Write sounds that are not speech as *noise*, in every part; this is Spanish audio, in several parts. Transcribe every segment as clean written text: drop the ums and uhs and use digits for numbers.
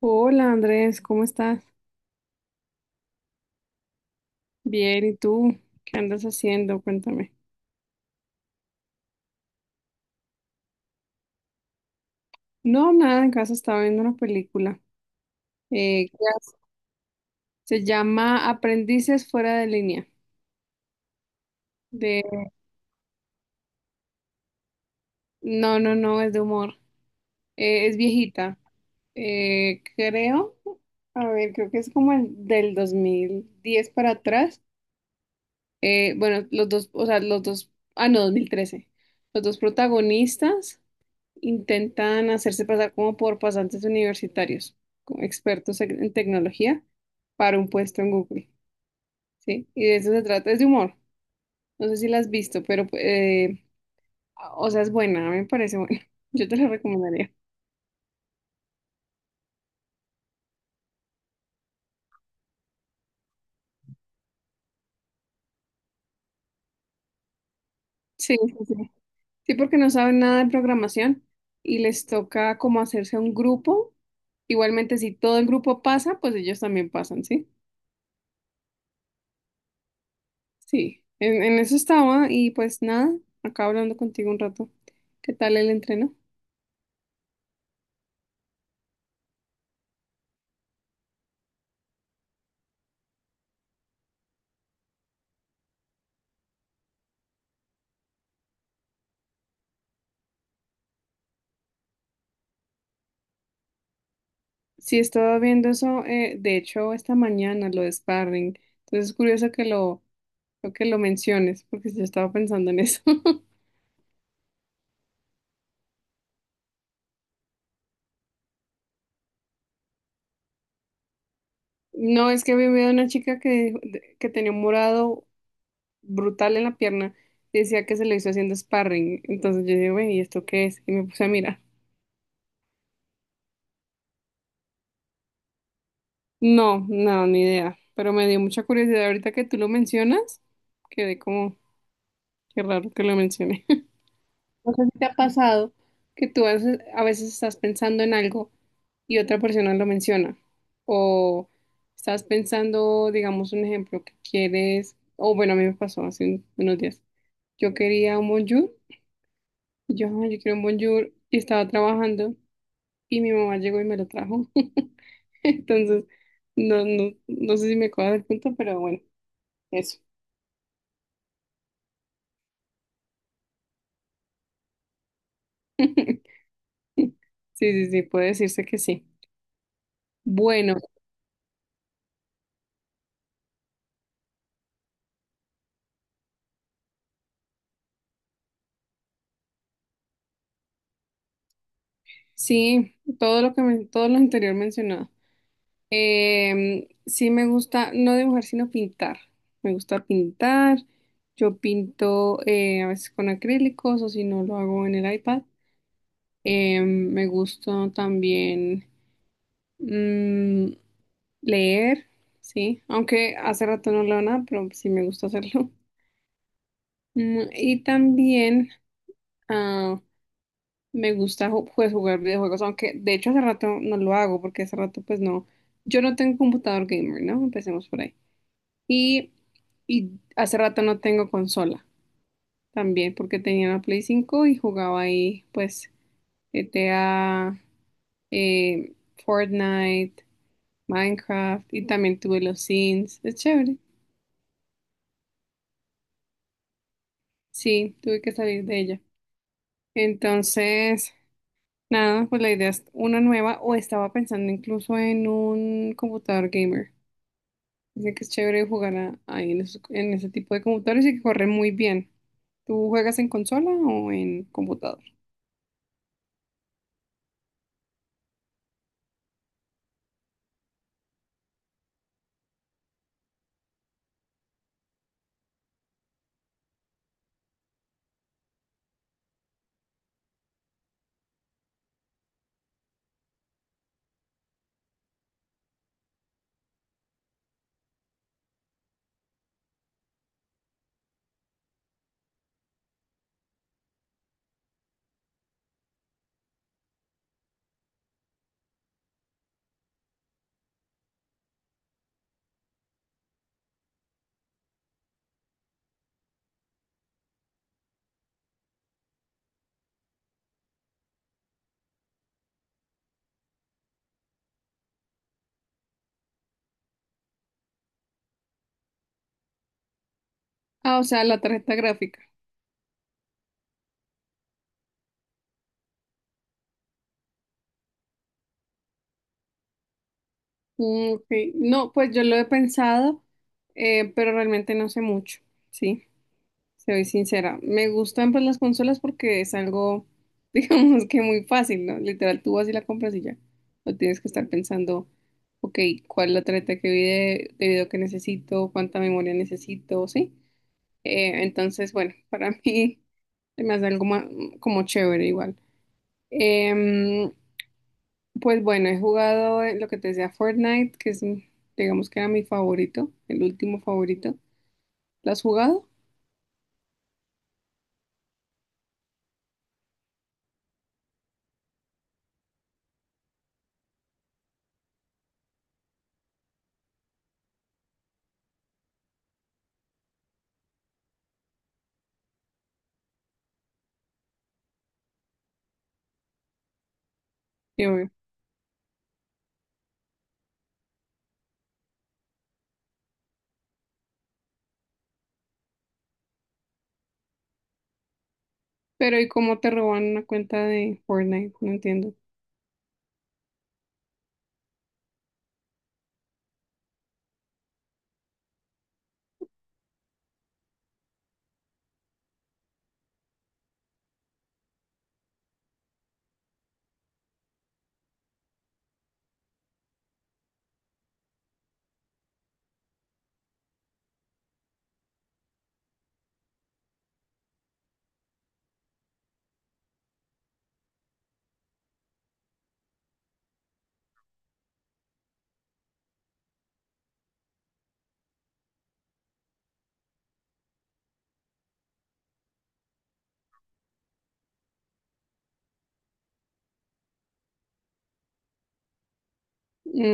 Hola Andrés, ¿cómo estás? Bien, ¿y tú? ¿Qué andas haciendo? Cuéntame. No, nada, en casa estaba viendo una película. eh, que as- Se llama Aprendices fuera de línea. De... No, no, no, es de humor. Es viejita. eh, creo, a ver, creo que es como el del 2010 para atrás. Bueno, los dos, o sea, los dos, ah, no, 2013. Los dos protagonistas intentan hacerse pasar como por pasantes universitarios, como expertos en tecnología, para un puesto en Google, ¿sí? Y de eso se trata, es de humor. No sé si la has visto, pero, o sea, es buena, a mí me parece buena. *laughs* Yo te la recomendaría. Sí, sí, sí. Sí, porque no saben nada de programación y les toca como hacerse un grupo. Igualmente, si todo el grupo pasa, pues ellos también pasan, ¿sí? Sí, en eso estaba y pues nada, acabo hablando contigo un rato. ¿Qué tal el entreno? Sí, estaba viendo eso, de hecho, esta mañana, lo de sparring. Entonces es curioso lo que lo menciones, porque yo estaba pensando en eso. *laughs* No, es que había vivido una chica que tenía un morado brutal en la pierna y decía que se lo hizo haciendo sparring. Entonces yo dije, güey, ¿y esto qué es? Y me puse a mirar. No, no, ni idea. Pero me dio mucha curiosidad ahorita que tú lo mencionas. Quedé como, qué raro que lo mencioné. *laughs* No sé si te ha pasado que tú a veces estás pensando en algo y otra persona lo menciona. O estás pensando, digamos, un ejemplo que quieres, o bueno, a mí me pasó unos días. Yo quería un bonjour, y yo, "Ay, yo quiero un bonjour", y estaba trabajando, y mi mamá llegó y me lo trajo. *laughs* Entonces, no sé si me cuadra el punto, pero bueno, eso. Sí, sí, sí, puede decirse que sí. Bueno, sí, todo lo anterior mencionado. Sí me gusta, no dibujar, sino pintar. Me gusta pintar. Yo pinto, a veces con acrílicos o si no lo hago en el iPad. Me gusta también mm, leer, sí. Aunque hace rato no leo nada, pero sí me gusta hacerlo. *laughs* Y también ah, me gusta pues, jugar videojuegos, aunque de hecho hace rato no lo hago porque hace rato pues no. Yo no tengo computador gamer, ¿no? Empecemos por ahí. Y, y hace rato no tengo consola también porque tenía una Play 5 y jugaba ahí pues GTA, eh, Fortnite, Minecraft y también tuve los Sims. Es chévere. Sí, tuve que salir de ella. Entonces, nada, pues la idea es una nueva o estaba pensando incluso en un computador gamer. Dicen que es chévere ahí en, en ese tipo de computadores y que corre muy bien. ¿Tú juegas en consola o en computador? Ah, o sea, la tarjeta gráfica. Mm, ok. No, pues yo lo he pensado, pero realmente no sé mucho, sí, soy sincera. Me gustan pues las consolas porque es algo, *laughs* digamos que muy fácil, ¿no? Literal, tú vas y la compras y ya. No tienes que estar pensando, ok, ¿cuál es la tarjeta de video que necesito? ¿Cuánta memoria necesito? Sí. Entonces, bueno, para *laughs* mí se me hace algo como chévere igual. Em, Pues bueno, he jugado, lo que te decía Fortnite, que es, digamos que era mi favorito, el último favorito. ¿Lo has jugado? Sí, obvio. Pero ¿y cómo te roban una cuenta de Fortnite? No entiendo.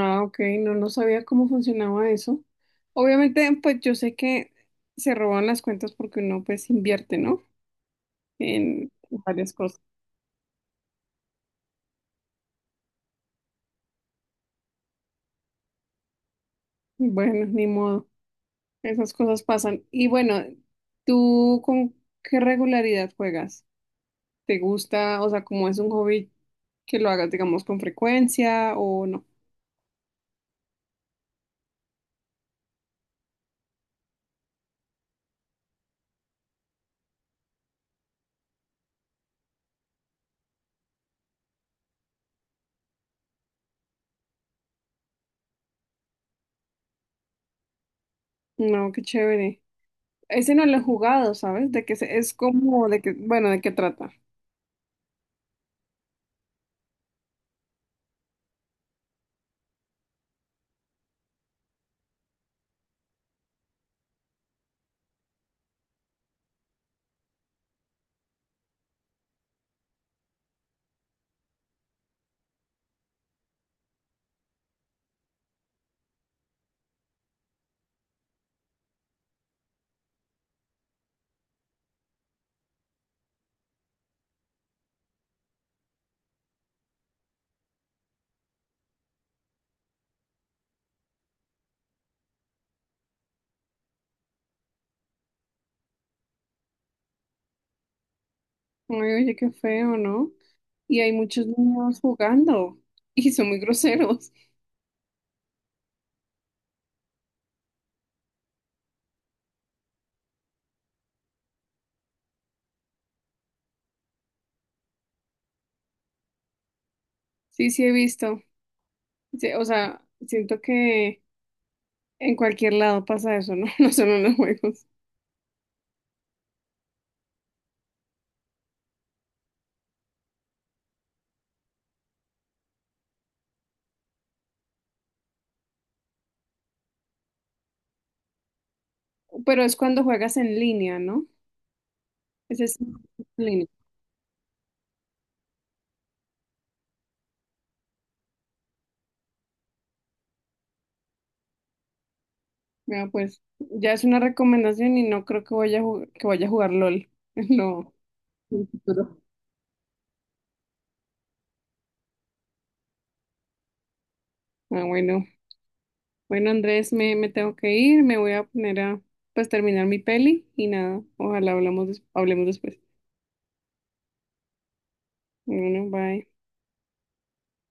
Ah, ok, no, no sabía cómo funcionaba eso. Obviamente, pues yo sé que se roban las cuentas porque uno pues invierte, ¿no? En varias cosas. Bueno, ni modo, esas cosas pasan. Y bueno, ¿tú con qué regularidad juegas? ¿Te gusta? O sea, como es un hobby que lo hagas, digamos, con frecuencia o no. No, qué chévere. Ese no lo he jugado, ¿sabes? Es como de que, bueno, ¿de qué trata? Ay, oye, qué feo, ¿no? Y hay muchos niños jugando *laughs* y son muy groseros. Sí, sí he visto. Sí, o sea, siento que en cualquier lado pasa eso, ¿no? *laughs* No solo en los juegos. Pero es cuando juegas en línea, ¿no? Ese es en línea. Bueno, pues ya es una recomendación y no creo que que vaya a jugar LOL. *laughs* No, en el futuro. Ah, bueno. Bueno, Andrés, me tengo que ir, me voy a poner a pues terminar mi peli y nada, ojalá hablemos después. Bueno, bye.